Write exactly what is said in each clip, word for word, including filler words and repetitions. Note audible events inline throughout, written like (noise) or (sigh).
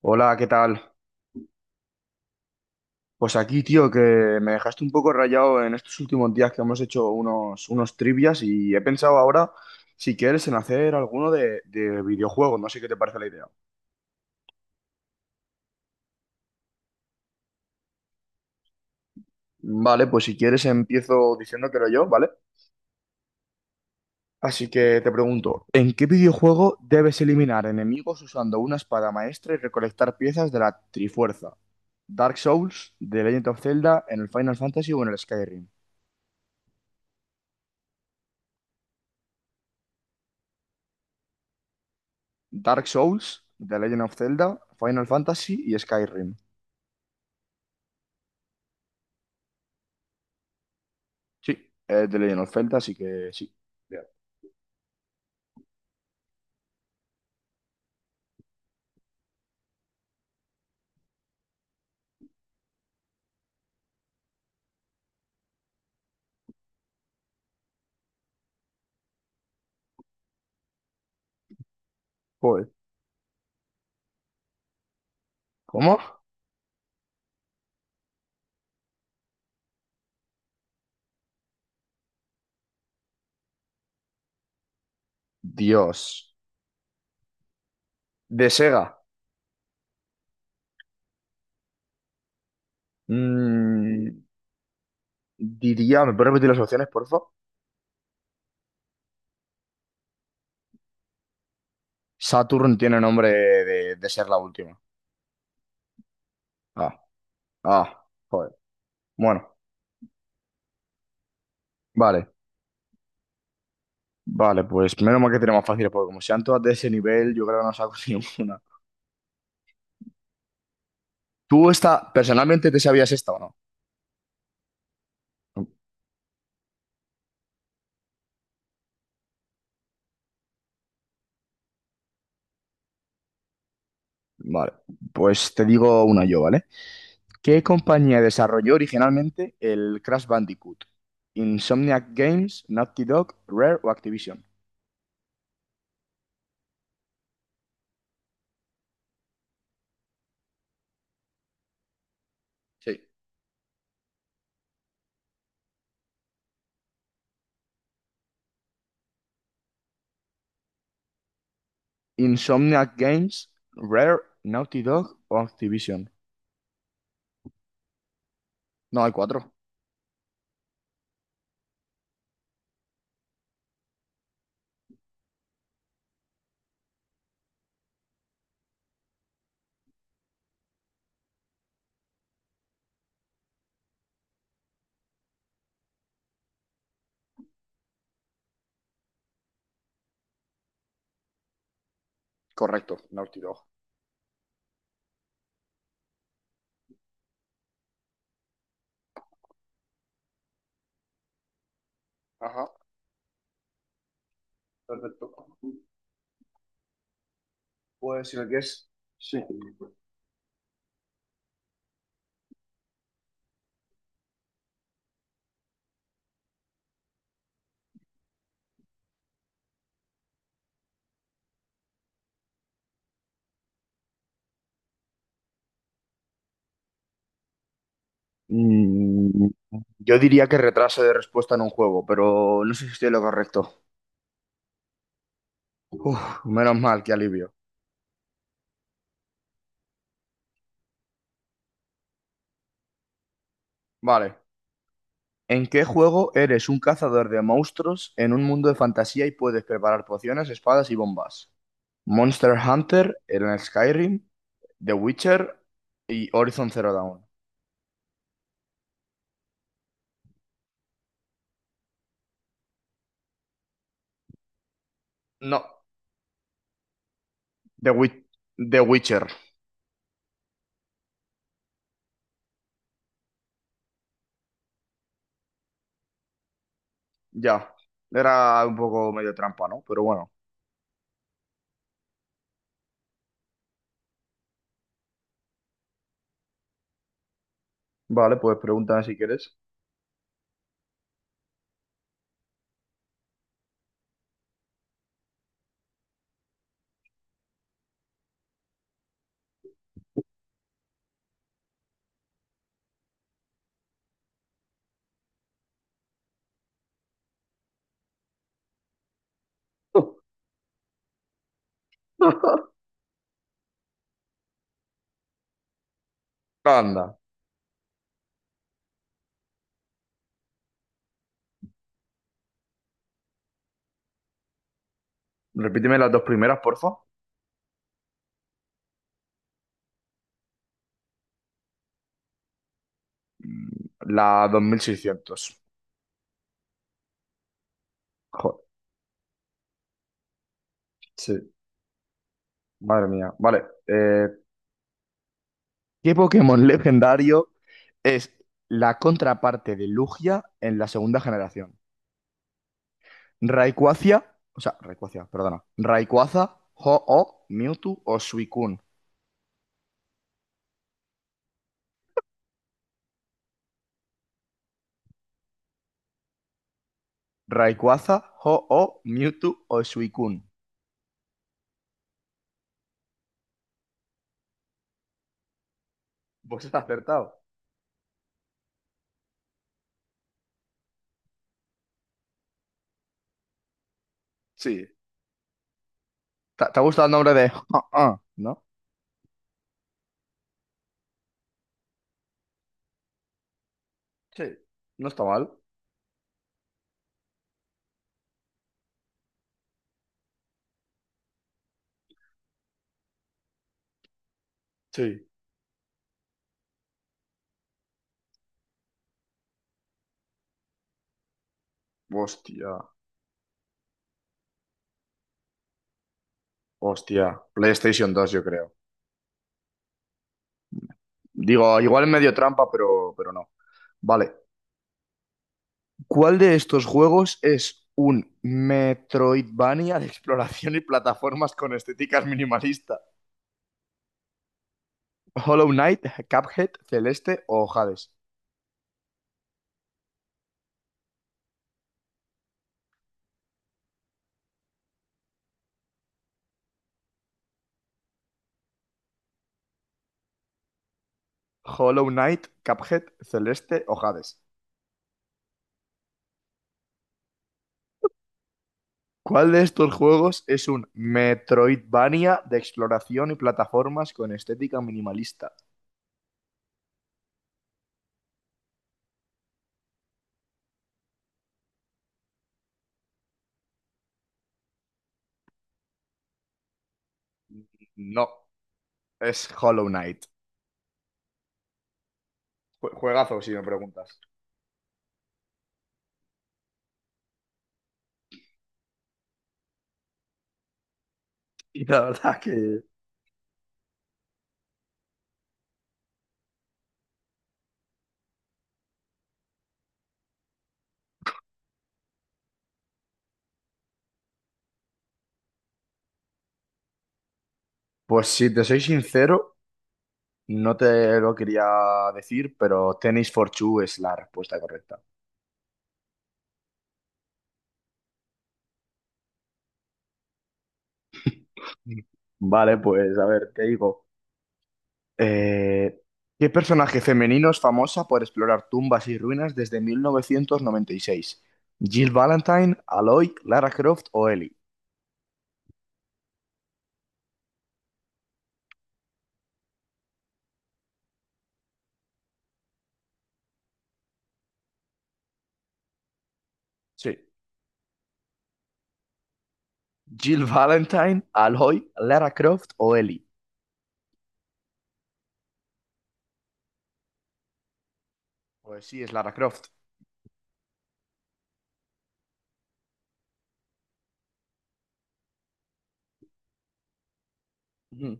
Hola, ¿qué tal? Pues aquí, tío, que me dejaste un poco rayado en estos últimos días que hemos hecho unos, unos trivias y he pensado ahora, si quieres, en hacer alguno de, de videojuegos. No sé qué te parece la idea. Vale, pues si quieres empiezo diciéndotelo yo, ¿vale? Así que te pregunto, ¿en qué videojuego debes eliminar enemigos usando una espada maestra y recolectar piezas de la Trifuerza? ¿Dark Souls, The Legend of Zelda, en el Final Fantasy o en el Skyrim? Dark Souls, The Legend of Zelda, Final Fantasy y Skyrim. Sí, es The Legend of Zelda, así que sí. Ya. Joder. ¿Cómo? Dios. De Sega. mm, diría, ¿me puedes repetir las opciones, por favor? Saturn tiene nombre de, de ser la última. Ah, ah, joder. Bueno, vale. Vale, pues menos mal que tenemos fácil, porque como sean todas de ese nivel, yo creo que no saco (laughs) ninguna. ¿Tú esta, personalmente te sabías esta o no? Vale, pues te digo una yo, ¿vale? ¿Qué compañía desarrolló originalmente el Crash Bandicoot? Insomniac Games, Naughty Dog, Rare o Activision. Sí. Insomniac Games, Rare, Naughty Dog o Activision. No, hay cuatro. Correcto, Naughty Dog. Ajá, perfecto. Pues si me quieres. Sí. Mm, yo diría que retraso de respuesta en un juego, pero no sé si estoy en lo correcto. Uf, menos mal, qué alivio. Vale, ¿en qué juego eres un cazador de monstruos en un mundo de fantasía y puedes preparar pociones, espadas y bombas? Monster Hunter, en el Skyrim, The Witcher y Horizon Zero Dawn. No, The Wit- The Witcher, ya. Era un poco medio trampa, ¿no? Pero bueno. Vale, pues pregúntame si quieres. (laughs) Anda. Repíteme las dos primeras, porfa. Mm, la dos mil seiscientos. Joder, sí. Madre mía. Vale. eh, ¿Qué Pokémon (laughs) legendario es la contraparte de Lugia en la segunda generación? Rayquaza, o sea, Rayquaza, perdona. Rayquaza, Ho-Oh, Mewtwo o Suicune. Rayquaza, Ho-Oh, Mewtwo o Suicune. Pues has acertado. Sí. ¿Te, te ha gustado el nombre de Ho-Oh, no? Sí, no está mal. Sí. Hostia, hostia. PlayStation dos, yo creo. Digo, igual es medio trampa, pero, pero no. Vale. ¿Cuál de estos juegos es un Metroidvania de exploración y plataformas con estéticas minimalista? Hollow Knight, Cuphead, Celeste o Hades. Hollow Knight, Cuphead, Celeste o Hades. ¿Cuál de estos juegos es un Metroidvania de exploración y plataformas con estética minimalista? No, es Hollow Knight. Jue- Juegazo, si me preguntas. Y la verdad que... Pues si te soy sincero, no te lo quería decir, pero Tenis for Two es la respuesta correcta. Mm. Vale, pues a ver, te digo. Eh, ¿qué personaje femenino es famosa por explorar tumbas y ruinas desde mil novecientos noventa y seis? ¿Jill Valentine, Aloy, Lara Croft o Ellie? Sí. ¿Jill Valentine, Aloy, Lara Croft o Ellie? Pues sí, es Lara Croft. Ujú.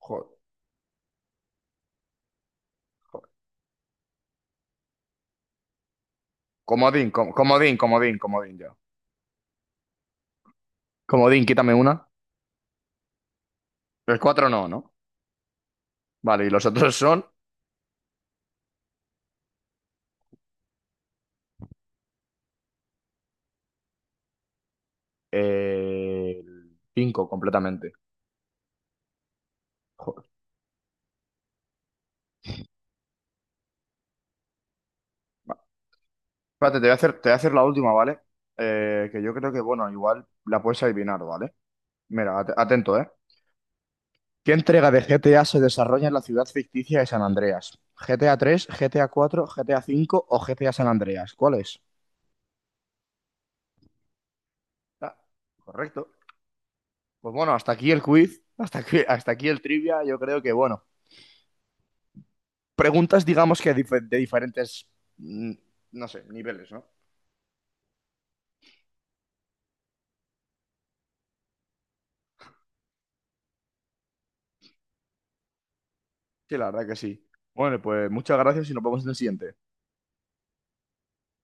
Joder, joder. Comodín, com- comodín, comodín, comodín yo. Comodín, quítame una. Los cuatro no, ¿no? Vale, y los otros son. Eh, el cinco completamente. Joder. Va. Espérate, te voy a hacer, te voy a hacer la última, ¿vale? Eh, que yo creo que, bueno, igual la puedes adivinar, ¿vale? Mira, at- atento, ¿eh? ¿Qué entrega de G T A se desarrolla en la ciudad ficticia de San Andreas? ¿GTA tres, GTA cuatro, GTA cinco o GTA San Andreas? ¿Cuál es? Ah, correcto. Pues bueno, hasta aquí el quiz, hasta aquí, hasta aquí el trivia, yo creo que, bueno, preguntas digamos que dife- de diferentes, mm, no sé, niveles, ¿no? Sí, la verdad que sí. Bueno, pues muchas gracias y nos vemos en el siguiente.